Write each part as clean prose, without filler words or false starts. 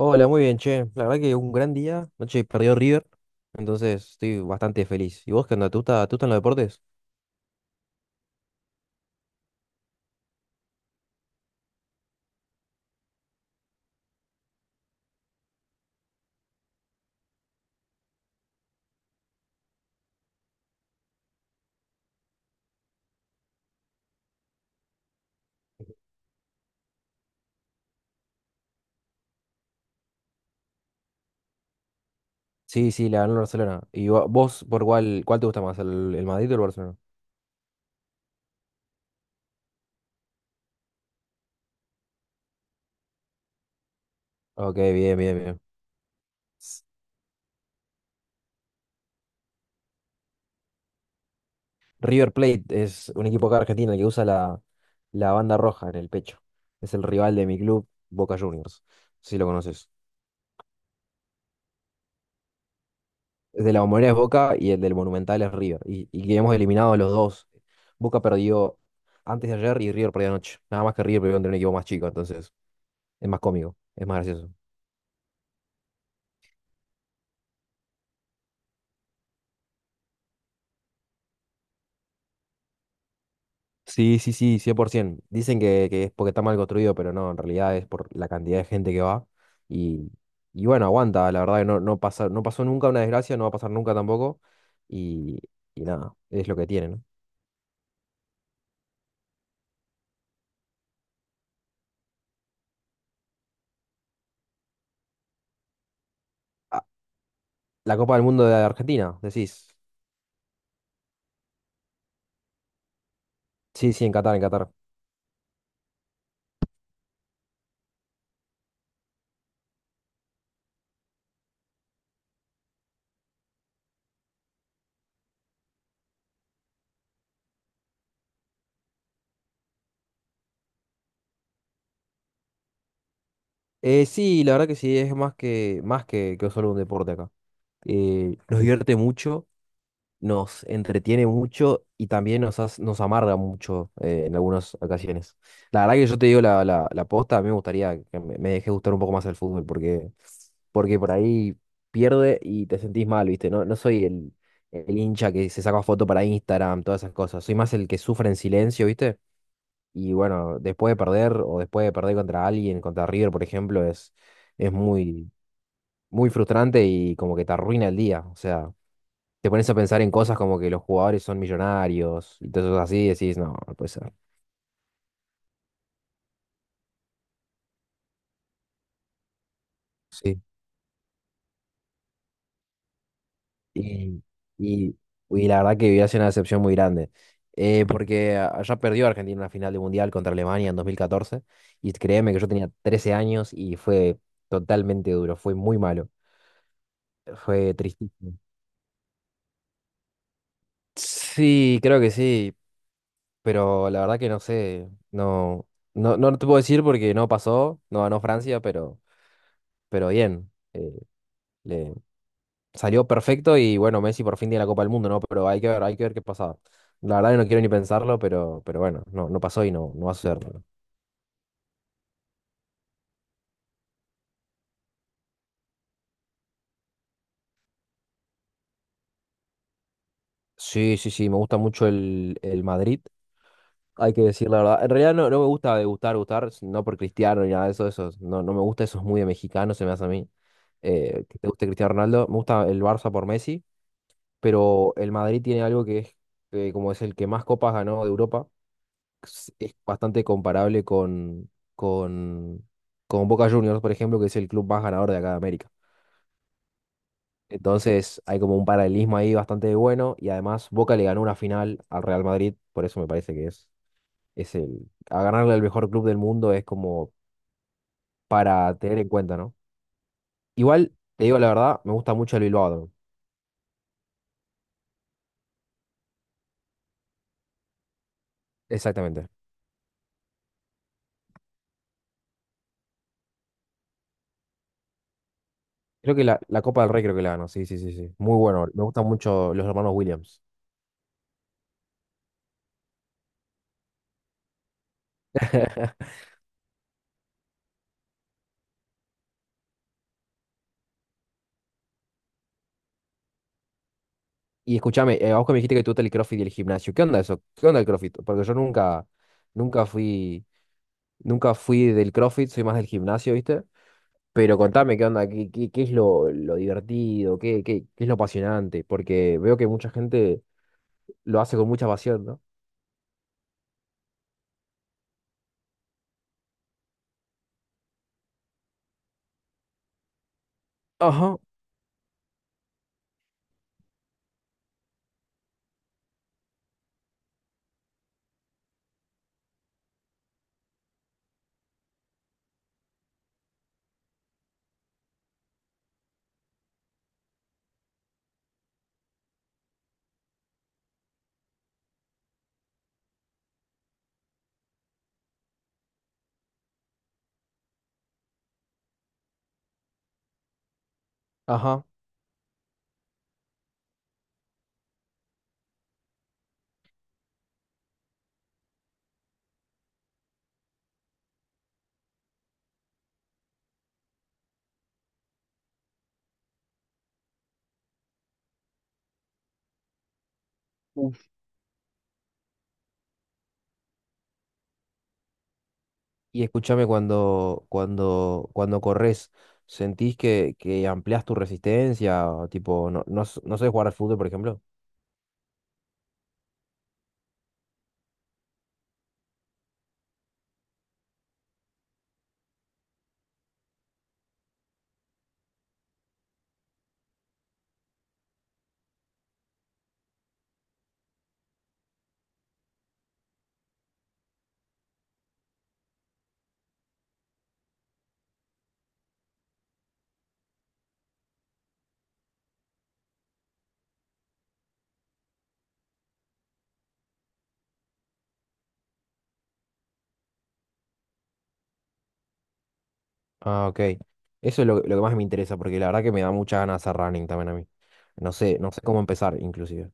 Hola, muy bien, che. La verdad que un gran día. Noche perdió River, entonces estoy bastante feliz. ¿Y vos qué onda? ¿Te gustan los deportes? Sí, sí, le ganó el Barcelona. ¿Y vos por cuál te gusta más, el Madrid o el Barcelona? Ok, bien, bien, bien. S- River Plate es un equipo acá argentino que usa la banda roja en el pecho. Es el rival de mi club, Boca Juniors, si lo conoces. De la Bombonera es Boca y el del Monumental es River. Y que hemos eliminado a los dos. Boca perdió antes de ayer y River perdió anoche. Nada más que River perdió contra un equipo más chico, entonces es más cómico, es más gracioso. Sí, sí, sí, 100%. Dicen que es porque está mal construido, pero no, en realidad es por la cantidad de gente que va. Y, y bueno, aguanta, la verdad que no, no pasa, no pasó nunca una desgracia, no va a pasar nunca tampoco. Y, y nada, es lo que tiene, ¿no? Ah, la Copa del Mundo de Argentina, decís. Sí, sí, en Qatar, en Qatar. Sí, la verdad que sí, es más que solo un deporte acá. Nos divierte mucho, nos entretiene mucho y también nos, nos amarga mucho en algunas ocasiones. La verdad que yo te digo la posta, a mí me gustaría que me deje gustar un poco más el fútbol porque, porque por ahí pierde y te sentís mal, ¿viste? No, no soy el hincha que se saca foto para Instagram, todas esas cosas. Soy más el que sufre en silencio, ¿viste? Y bueno, después de perder o después de perder contra alguien, contra River, por ejemplo, es muy, muy frustrante y como que te arruina el día. O sea, te pones a pensar en cosas como que los jugadores son millonarios y todo eso así, y decís, no, no puede ser. Sí. Y, y, y la verdad que viví hace una decepción muy grande. Porque allá perdió Argentina una final de Mundial contra Alemania en 2014. Y créeme que yo tenía 13 años y fue totalmente duro, fue muy malo, fue tristísimo. Sí, creo que sí. Pero la verdad que no sé, no, no, no te puedo decir porque no pasó, no ganó Francia, pero bien, le salió perfecto y bueno, Messi por fin tiene la Copa del Mundo, ¿no? Pero hay que ver qué pasa. La verdad que no quiero ni pensarlo, pero bueno, no, no pasó y no, no va a suceder. Sí, sí, sí, me gusta mucho el Madrid, hay que decir la verdad. En realidad no, no me gusta de gustar, gustar, no por Cristiano ni nada de eso, eso no, no me gusta, eso es muy de mexicano, se me hace a mí. Que te guste Cristiano Ronaldo, me gusta el Barça por Messi. Pero el Madrid tiene algo que es, como es el que más copas ganó de Europa, es bastante comparable con Boca Juniors, por ejemplo, que es el club más ganador de acá de América. Entonces hay como un paralelismo ahí bastante bueno y además Boca le ganó una final al Real Madrid, por eso me parece que es el, a ganarle al mejor club del mundo es como para tener en cuenta, ¿no? Igual, te digo la verdad, me gusta mucho el Bilbao. Athletic. Exactamente. Creo que la Copa del Rey creo que la ganó, sí, sí, sí, sí. Muy bueno, me gustan mucho los hermanos Williams. Y escúchame, vos que me dijiste que te gusta el CrossFit y el gimnasio. ¿Qué onda eso? ¿Qué onda el CrossFit? Porque yo nunca, nunca fui, nunca fui del CrossFit, soy más del gimnasio, ¿viste? Pero contame qué onda, qué, qué, qué es lo divertido, qué, qué, qué es lo apasionante, porque veo que mucha gente lo hace con mucha pasión, ¿no? Ajá, ajá. Y escúchame cuando corres, ¿sentís que ampliás tu resistencia? Tipo, no, no, no sabés jugar al fútbol, por ejemplo. Ah, ok. Eso es lo que más me interesa, porque la verdad que me da muchas ganas hacer running también a mí. No sé, no sé cómo empezar, inclusive.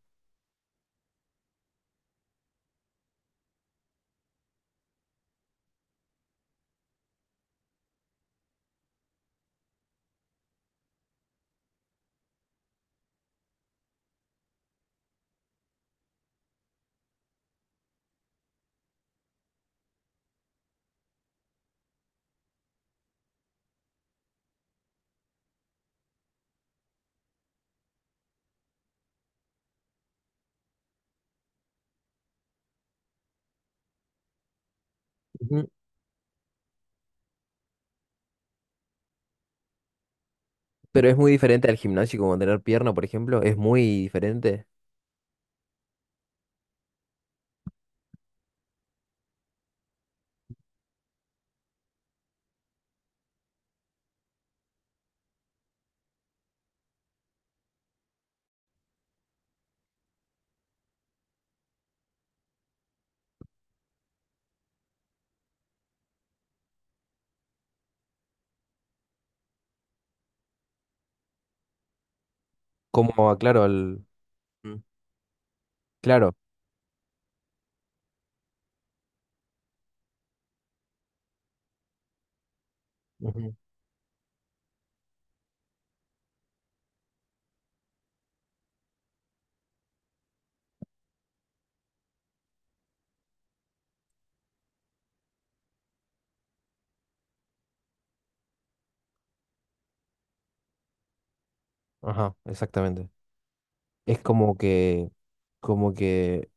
Ujú. Pero es muy diferente al gimnasio, como tener pierna, por ejemplo, es muy diferente. Como, claro, al... Mm. Claro. Ujú. Ajá, exactamente. Es como que, como que,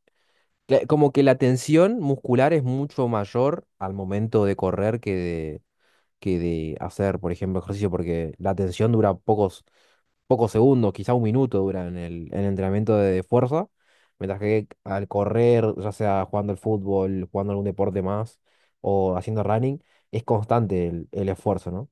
como que la tensión muscular es mucho mayor al momento de correr que de hacer, por ejemplo, ejercicio, porque la tensión dura pocos, pocos segundos, quizá un minuto dura en el entrenamiento de fuerza, mientras que al correr, ya sea jugando al fútbol, jugando algún deporte más o haciendo running, es constante el esfuerzo, ¿no?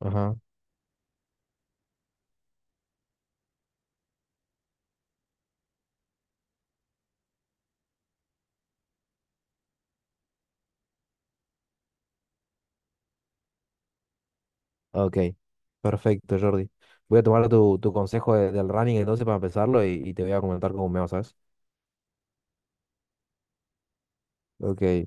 Ajá, ok, perfecto, Jordi. Voy a tomar tu consejo del running entonces para empezarlo y te voy a comentar cómo me va, ¿sabes? Ok.